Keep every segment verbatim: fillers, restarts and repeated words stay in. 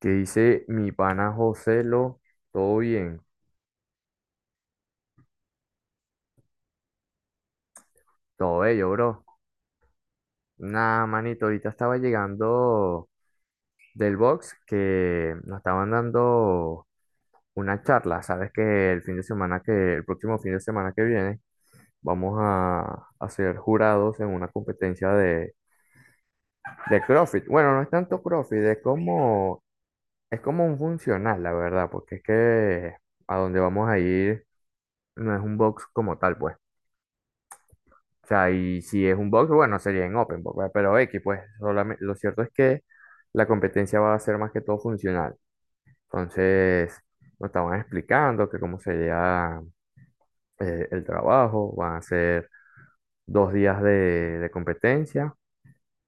¿Qué dice mi pana José lo? Todo bien, todo bello, bro. Nada, manito, ahorita estaba llegando del box que nos estaban dando una charla. Sabes que el fin de semana que, el próximo fin de semana que viene, vamos a, a ser jurados en una competencia de, de CrossFit. Bueno, no es tanto CrossFit, es como, es como un funcional, la verdad, porque es que a donde vamos a ir no es un box como tal, pues. O sea, y si es un box, bueno, sería en open box, ¿verdad? Pero X, pues, solamente, lo cierto es que la competencia va a ser más que todo funcional. Entonces, nos estaban explicando que cómo sería eh, el trabajo, van a ser dos días de, de competencia,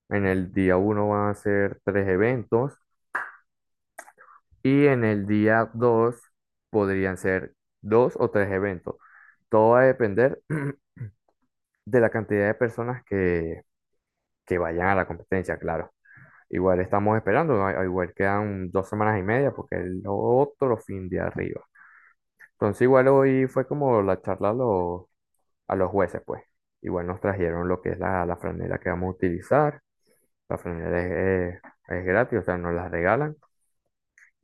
en el día uno van a ser tres eventos y en el día dos podrían ser dos o tres eventos. Todo va a depender de la cantidad de personas que, que vayan a la competencia, claro. Igual estamos esperando, ¿no? Igual quedan dos semanas y media porque el otro fin de arriba. Entonces igual hoy fue como la charla a los, a los jueces, pues. Igual nos trajeron lo que es la, la franela que vamos a utilizar. La franela es, es- es gratis, o sea, nos la regalan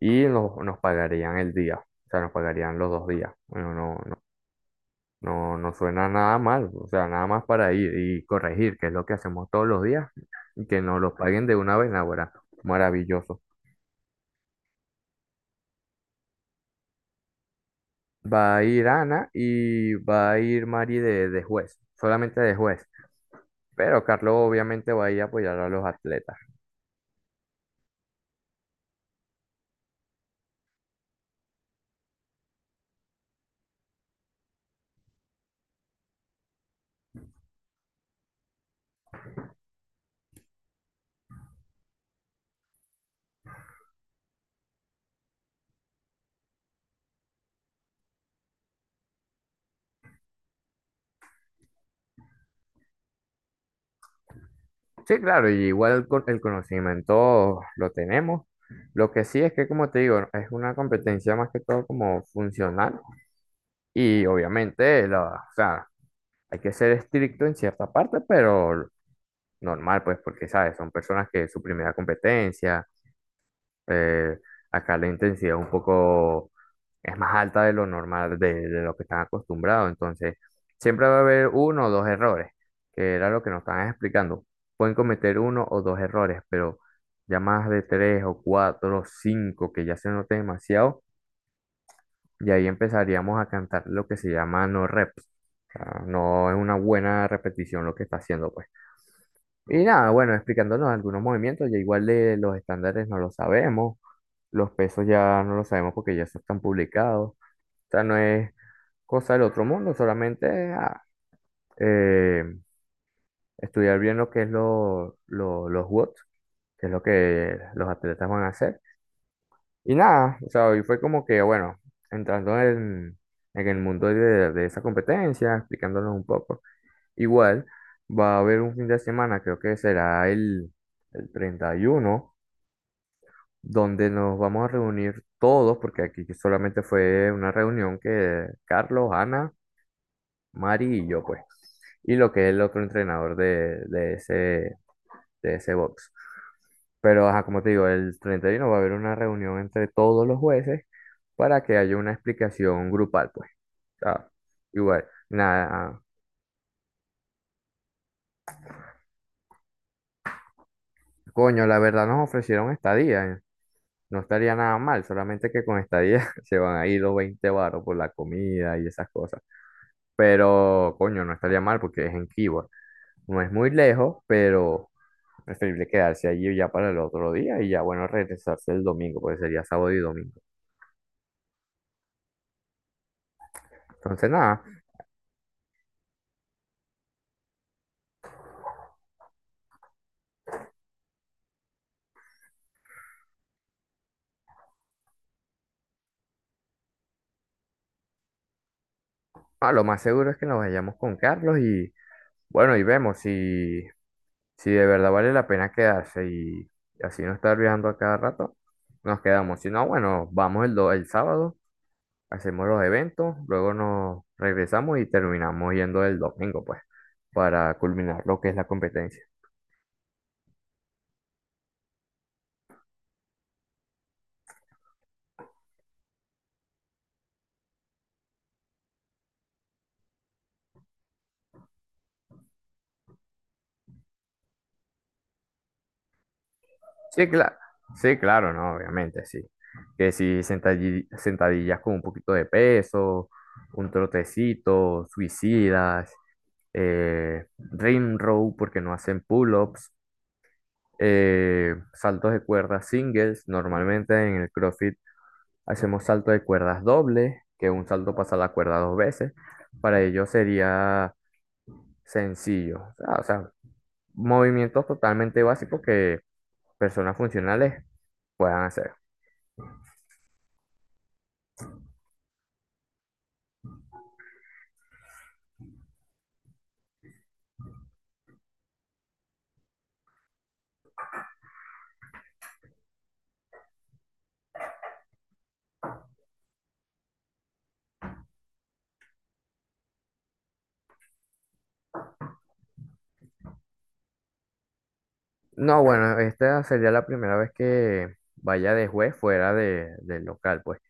y nos, nos pagarían el día, o sea, nos pagarían los dos días. Bueno, no, no, no, no suena nada mal, o sea, nada más para ir y corregir, que es lo que hacemos todos los días, y que nos lo paguen de una vez, ahora. Maravilloso. Va a ir Ana y va a ir Mari de, de juez, solamente de juez. Pero Carlos obviamente va a ir a apoyar a los atletas. Sí, claro, y igual con- el conocimiento lo tenemos. Lo que sí es que, como te digo, es una competencia más que todo como funcional. Y obviamente, la, o sea, hay que ser estricto en cierta parte, pero normal, pues, porque, ¿sabes? Son personas que es su primera competencia. Eh, acá la intensidad es un poco, es más alta de lo normal, de, de lo que están acostumbrados. Entonces, siempre va a haber uno o dos errores, que era lo que nos estaban explicando. Pueden cometer uno o dos errores, pero ya más de tres o cuatro o cinco que ya se note demasiado, y ahí empezaríamos a cantar lo que se llama no reps. O sea, no es una buena repetición lo que está haciendo, pues. Y nada, bueno, explicándonos algunos movimientos, ya igual de los estándares no lo sabemos. Los pesos ya no lo sabemos porque ya se están publicados. O sea, no es cosa del otro mundo, solamente es, ah, eh, estudiar bien lo que es lo- lo- los watts, que es lo que los atletas van a hacer. Y nada, o sea, hoy fue como que, bueno, entrando en, en el mundo de, de esa competencia, explicándonos un poco. Igual, va a haber un fin de semana, creo que será el, el treinta y uno donde nos vamos a reunir todos, porque aquí solamente fue una reunión que Carlos, Ana, Mari y yo, pues, y lo que es el otro entrenador de, de ese, de ese box. Pero, ajá, como te digo, el treinta y uno va a haber una reunión entre todos los jueces para que haya una explicación grupal, pues. Ah, igual, nada, coño, la verdad nos ofrecieron estadía, ¿eh? No estaría nada mal, solamente que con estadía se van a ir los veinte baros por la comida y esas cosas. Pero, coño, no estaría mal porque es en Keyboard. No es muy lejos, pero preferible quedarse allí ya para el otro día y ya, bueno, regresarse el domingo, porque sería sábado y domingo. Entonces, nada, ah, lo más seguro es que nos vayamos con Carlos y, bueno, y vemos si, si de verdad vale la pena quedarse y así no estar viajando a cada rato, nos quedamos. Si no, bueno, vamos el, do- el sábado, hacemos los eventos, luego nos regresamos y terminamos yendo el domingo, pues, para culminar lo que es la competencia. Sí, claro. Sí, claro, no, obviamente, sí. Que si sentadilli- sentadillas con un poquito de peso, un trotecito, suicidas, eh, ring row porque no hacen pull-ups, eh, saltos de cuerdas singles. Normalmente en el CrossFit hacemos salto de cuerdas doble, que un salto pasa la cuerda dos veces. Para ello sería sencillo. O sea, o sea, movimientos totalmente básicos que personas funcionales puedan hacer. No, bueno, esta sería la primera vez que vaya de juez fuera de, del local, pues.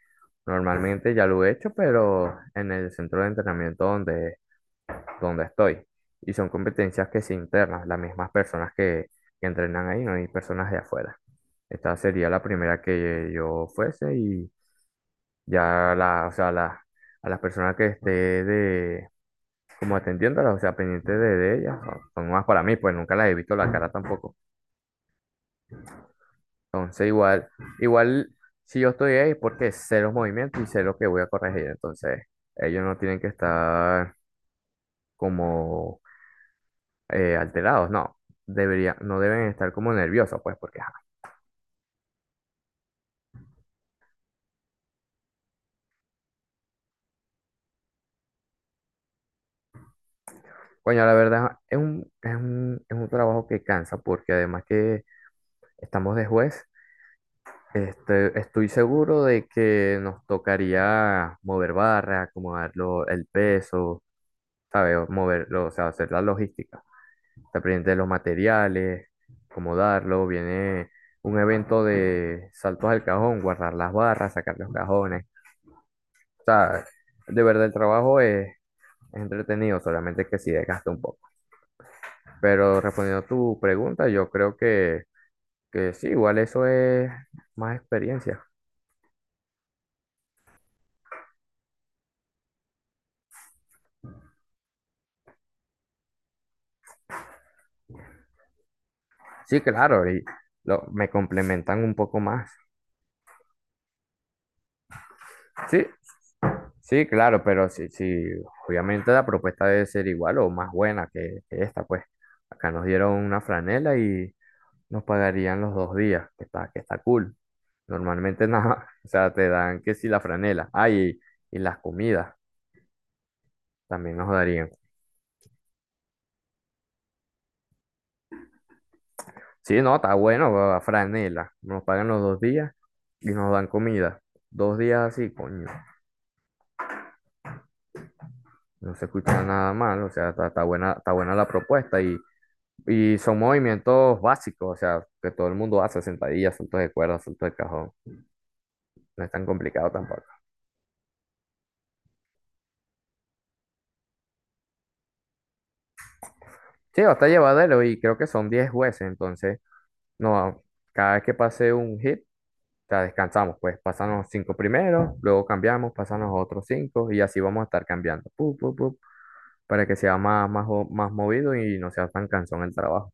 Normalmente ya lo he hecho, pero en el centro de entrenamiento donde, donde estoy. Y son competencias que se internas, las mismas personas que, que entrenan ahí, no hay personas de afuera. Esta sería la primera que yo fuese y ya la, o sea, la, a las personas que esté de, como atendiéndolas, o sea, pendiente de, de ellas, son son nuevas para mí, pues nunca las he visto la cara tampoco. Entonces, igual, igual, si yo estoy ahí, porque sé los movimientos y sé lo que voy a corregir. Entonces, ellos no tienen que estar como eh, alterados, no. Debería, no deben estar como nerviosos, pues, porque, ajá. Coño, la verdad, es un, es un, es un trabajo que cansa, porque además que estamos de juez, este, estoy seguro de que nos tocaría mover barra, acomodar lo- el peso, ¿sabes? Moverlo, o sea, hacer la logística. Está pendiente de los materiales, cómo darlo, viene un evento de saltos al cajón, guardar las barras, sacar los cajones. O sea, de verdad el trabajo es, es entretenido, solamente que sí desgasta un poco. Pero respondiendo a tu pregunta, yo creo que, que sí, igual eso es más experiencia. Sí, claro, y lo- me complementan un poco más. Sí, sí, claro, pero sí, sí, obviamente la propuesta debe ser igual o más buena que, que esta, pues. Acá nos dieron una franela y nos pagarían los dos días, que está, que está cool. Normalmente nada, o sea, te dan que si la franela. Ah, y, y las comidas también nos darían. Sí, no, está bueno, va, franela. Nos pagan los dos días y nos dan comida. Dos días así, coño, no se escucha nada mal, o sea, está, está buena, está buena la propuesta y. Y son movimientos básicos, o sea, que todo el mundo hace, sentadillas, saltos de cuerda, saltos de cajón. No es tan complicado tampoco. Sí, hasta llevadero y creo que son diez jueces, entonces, no, cada vez que pase un hit, o sea, descansamos, pues pasan los cinco primeros, luego cambiamos, pasan los otros cinco y así vamos a estar cambiando, pu, pu, pu, para que sea más, más, jo- más movido y no sea tan cansón el trabajo.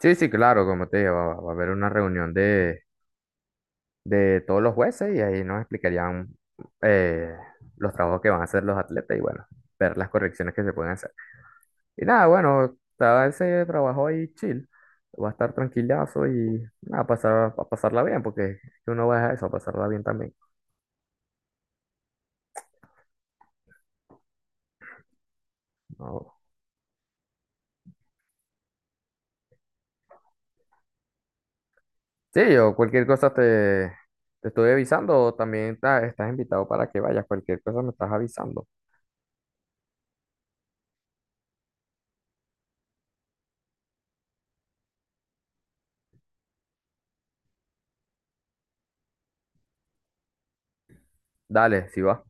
Sí, sí, claro, como te dije, va, va a haber una reunión de de todos los jueces y ahí nos explicarían eh, los trabajos que van a hacer los atletas y bueno, ver las correcciones que se pueden hacer. Y nada, bueno, estaba ese trabajo ahí chill, va a estar tranquilazo y nada, pasar, a pasarla bien, porque es que uno va a eso, a pasarla bien también. No. Sí, yo cualquier cosa te, te estoy avisando, o también ta- estás invitado para que vayas, cualquier cosa me estás avisando. Dale, si vas.